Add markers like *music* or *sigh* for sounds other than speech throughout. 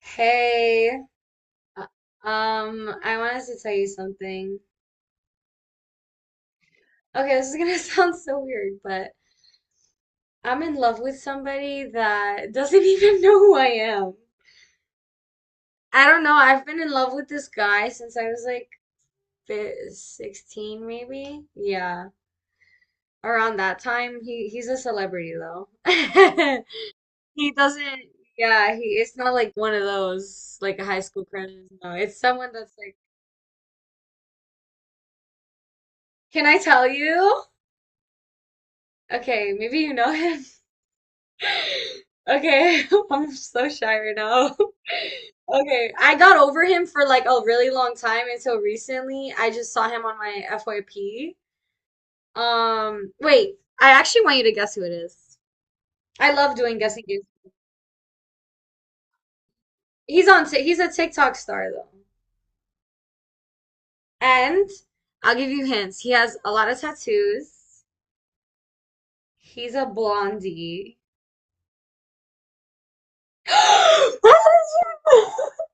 Hey, uh, I wanted to tell you something. Okay, this is gonna *laughs* sound so weird, but I'm in love with somebody that doesn't *laughs* even know who I am. I don't know. I've been in love with this guy since I was like 16, maybe. Yeah, around that time. He's a celebrity though. *laughs* He doesn't. Yeah, he. It's not like one of those like high school crushes. No, it's someone that's like. Can I tell you? Okay, maybe you know him. *laughs* Okay, *laughs* I'm so shy right now. *laughs* Okay, I got over him for like a really long time until recently. I just saw him on my FYP. Wait, I actually want you to guess who it is. I love doing guessing games. He's on, he's a TikTok star though. And I'll give you hints. He has a lot of tattoos. He's a blondie. *gasps* *laughs*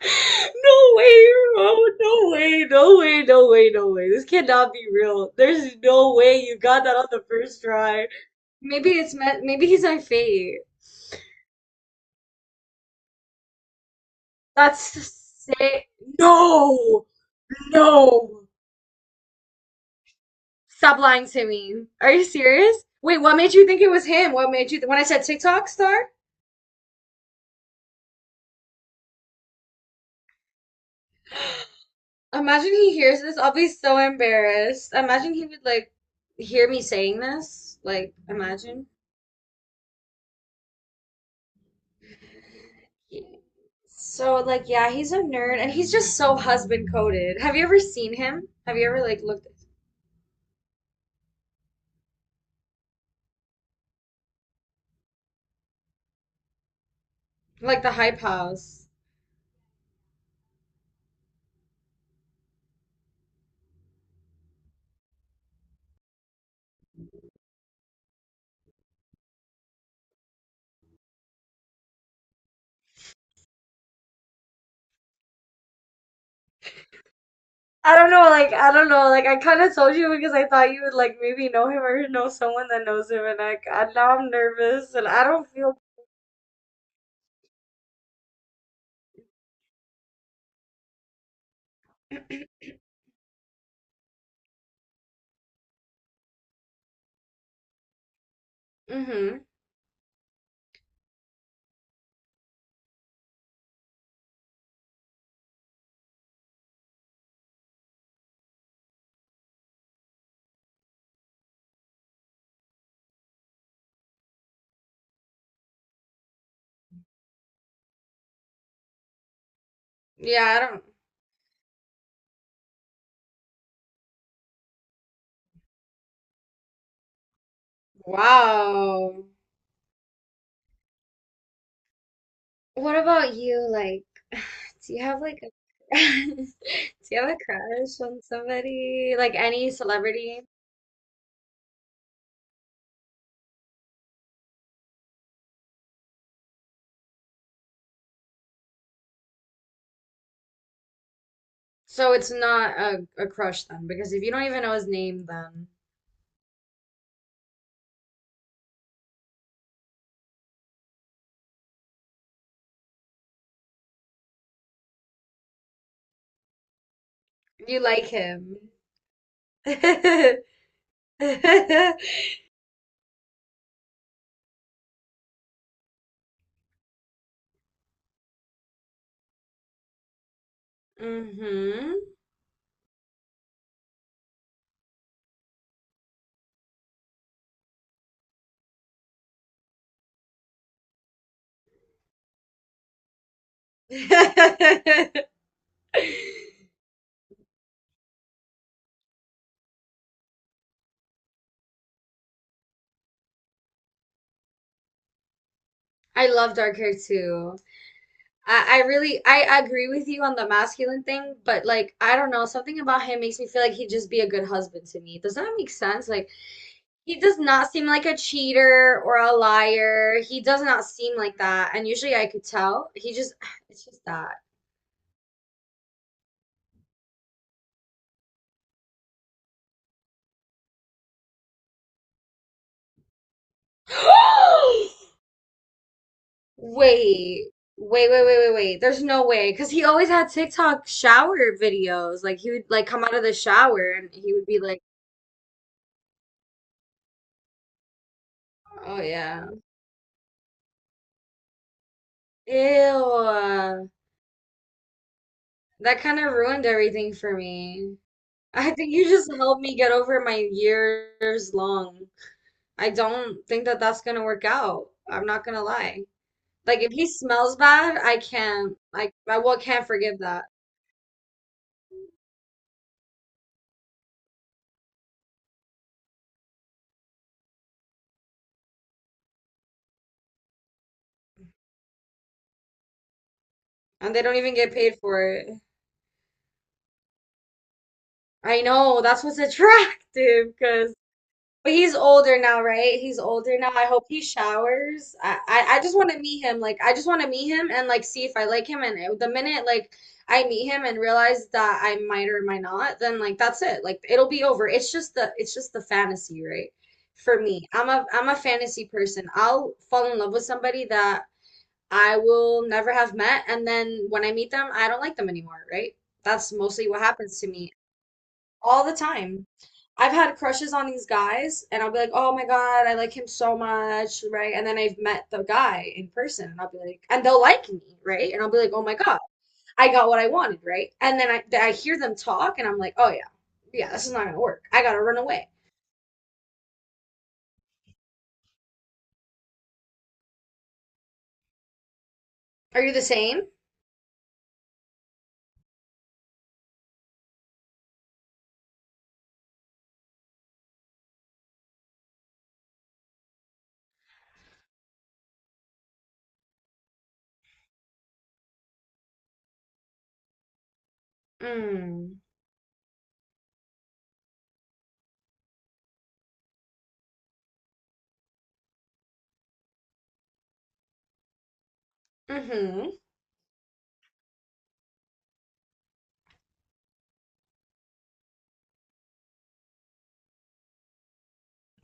No way, bro. No way. No way. No way. No way. This cannot be real. There's no way you got that on the first try. Maybe it's meant, maybe he's my fate. That's sick. No. No. Stop lying to me. Are you serious? Wait, what made you think it was him? What made you th when I said TikTok star? Imagine he hears this. I'll be so embarrassed. Imagine he would like hear me saying this. Like, imagine. He- So like yeah, he's a nerd and he's just so husband coded. Have you ever seen him? Have you ever like looked like the hype house? I don't know, like I don't know, like I kind of told you because I thought you would like maybe know him or know someone that knows him, and I now I'm nervous and I don't feel. Mm-hmm. Yeah, I don't. Wow. What about you? Like, *sighs* do you have like a *laughs* do you have a crush on somebody? Like any celebrity? So it's not a crush then, because if you don't even know his name, then you like him. *laughs* Hmm. *laughs* I love dark hair too. I really I agree with you on the masculine thing, but like I don't know, something about him makes me feel like he'd just be a good husband to me. Does that make sense? Like he does not seem like a cheater or a liar. He does not seem like that. And usually I could tell. He just *sighs* it's just that. *laughs* *gasps* Wait, wait, wait, wait, wait, wait. There's no way. Because he always had TikTok shower videos. Like, he would, like, come out of the shower and he would be like, oh, yeah. Ew. That kind of ruined everything for me. *laughs* I think you just helped me get over my years long. I don't think that that's gonna work out. I'm not gonna lie. Like, if he smells bad, I can't. I well, can't forgive that. And they don't even get paid for it. I know, that's what's *laughs* attractive, because But he's older now, right? He's older now. I hope he showers. I just want to meet him. Like, I just want to meet him and like see if I like him. And the minute like I meet him and realize that I might or might not, then like that's it. Like it'll be over. It's just the fantasy, right? For me, I'm a fantasy person. I'll fall in love with somebody that I will never have met, and then when I meet them, I don't like them anymore, right? That's mostly what happens to me all the time. I've had crushes on these guys, and I'll be like, oh my God, I like him so much, right? And then I've met the guy in person, and I'll be like, and they'll like me, right? And I'll be like, oh my God, I got what I wanted, right? And then I hear them talk, and I'm like, oh yeah, yeah, this is not gonna work. I gotta run away. Are you the same? Mm. Mm-hmm.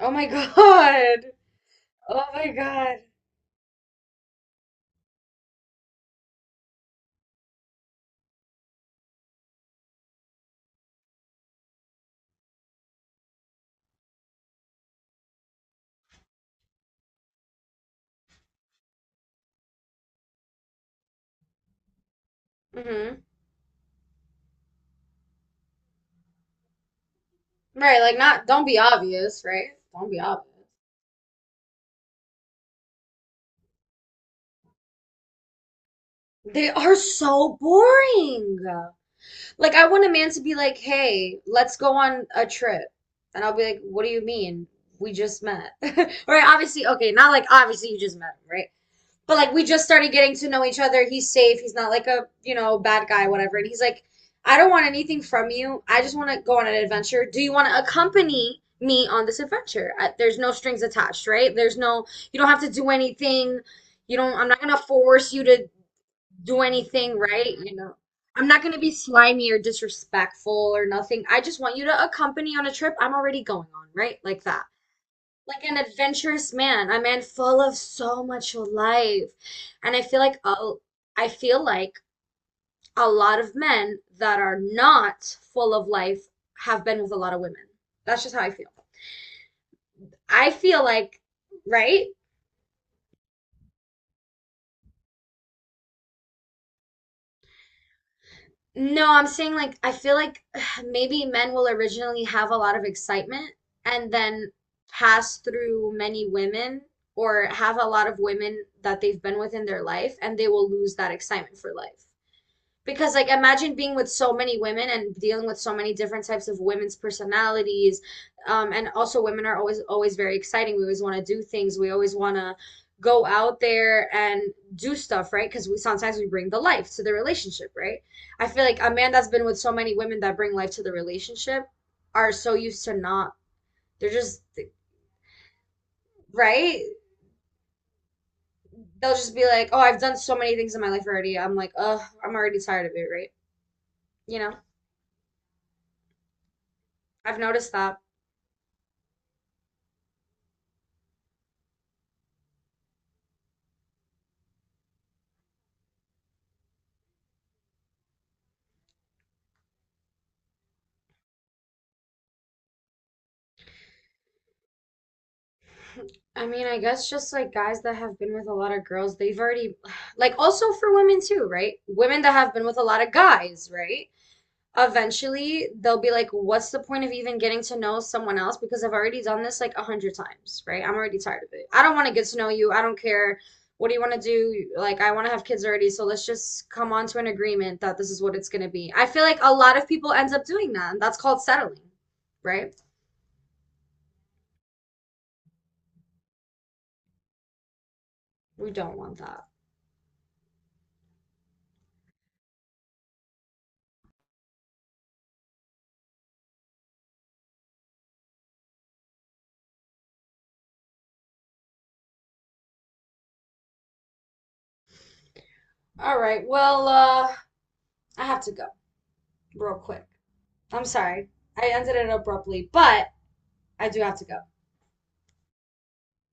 Oh my *laughs* God. Oh my God. Mm-hmm. Right, like not, don't be obvious, right? Don't be obvious. They are so boring. Like I want a man to be like, "Hey, let's go on a trip." And I'll be like, "What do you mean? We just met." *laughs* Right? Obviously, okay, not like obviously you just met him, right? But like we just started getting to know each other. He's safe. He's not like a, bad guy, whatever. And he's like, "I don't want anything from you. I just want to go on an adventure. Do you want to accompany me on this adventure?" There's no strings attached, right? There's no you don't have to do anything. You don't I'm not gonna force you to do anything right. I'm not going to be slimy or disrespectful or nothing. I just want you to accompany on a trip I'm already going on, right? Like that. Like an adventurous man, a man full of so much life. And I feel like a lot of men that are not full of life have been with a lot of women. That's just how I feel. I feel like, right? No, I'm saying like I feel like *sighs* maybe men will originally have a lot of excitement and then pass through many women or have a lot of women that they've been with in their life and they will lose that excitement for life because like imagine being with so many women and dealing with so many different types of women's personalities and also women are always always very exciting. We always want to do things, we always want to go out there and do stuff, right? Because we sometimes we bring the life to the relationship, right? I feel like a man that's been with so many women that bring life to the relationship are so used to not, they're just, right, they'll just be like, oh, I've done so many things in my life already, I'm like, ugh, I'm already tired of it, right, you know I've noticed that. I mean, I guess just like guys that have been with a lot of girls, they've already, *sighs* like, also for women too, right? Women that have been with a lot of guys, right? Eventually, they'll be like, what's the point of even getting to know someone else? Because I've already done this like a hundred times, right? I'm already tired of it. I don't want to get to know you. I don't care. What do you want to do? Like, I want to have kids already, so let's just come on to an agreement that this is what it's going to be. I feel like a lot of people end up doing that, and that's called settling, right? We don't want that. All right, well, I have to go. Real quick. I'm sorry. I ended it abruptly, but I do have to go.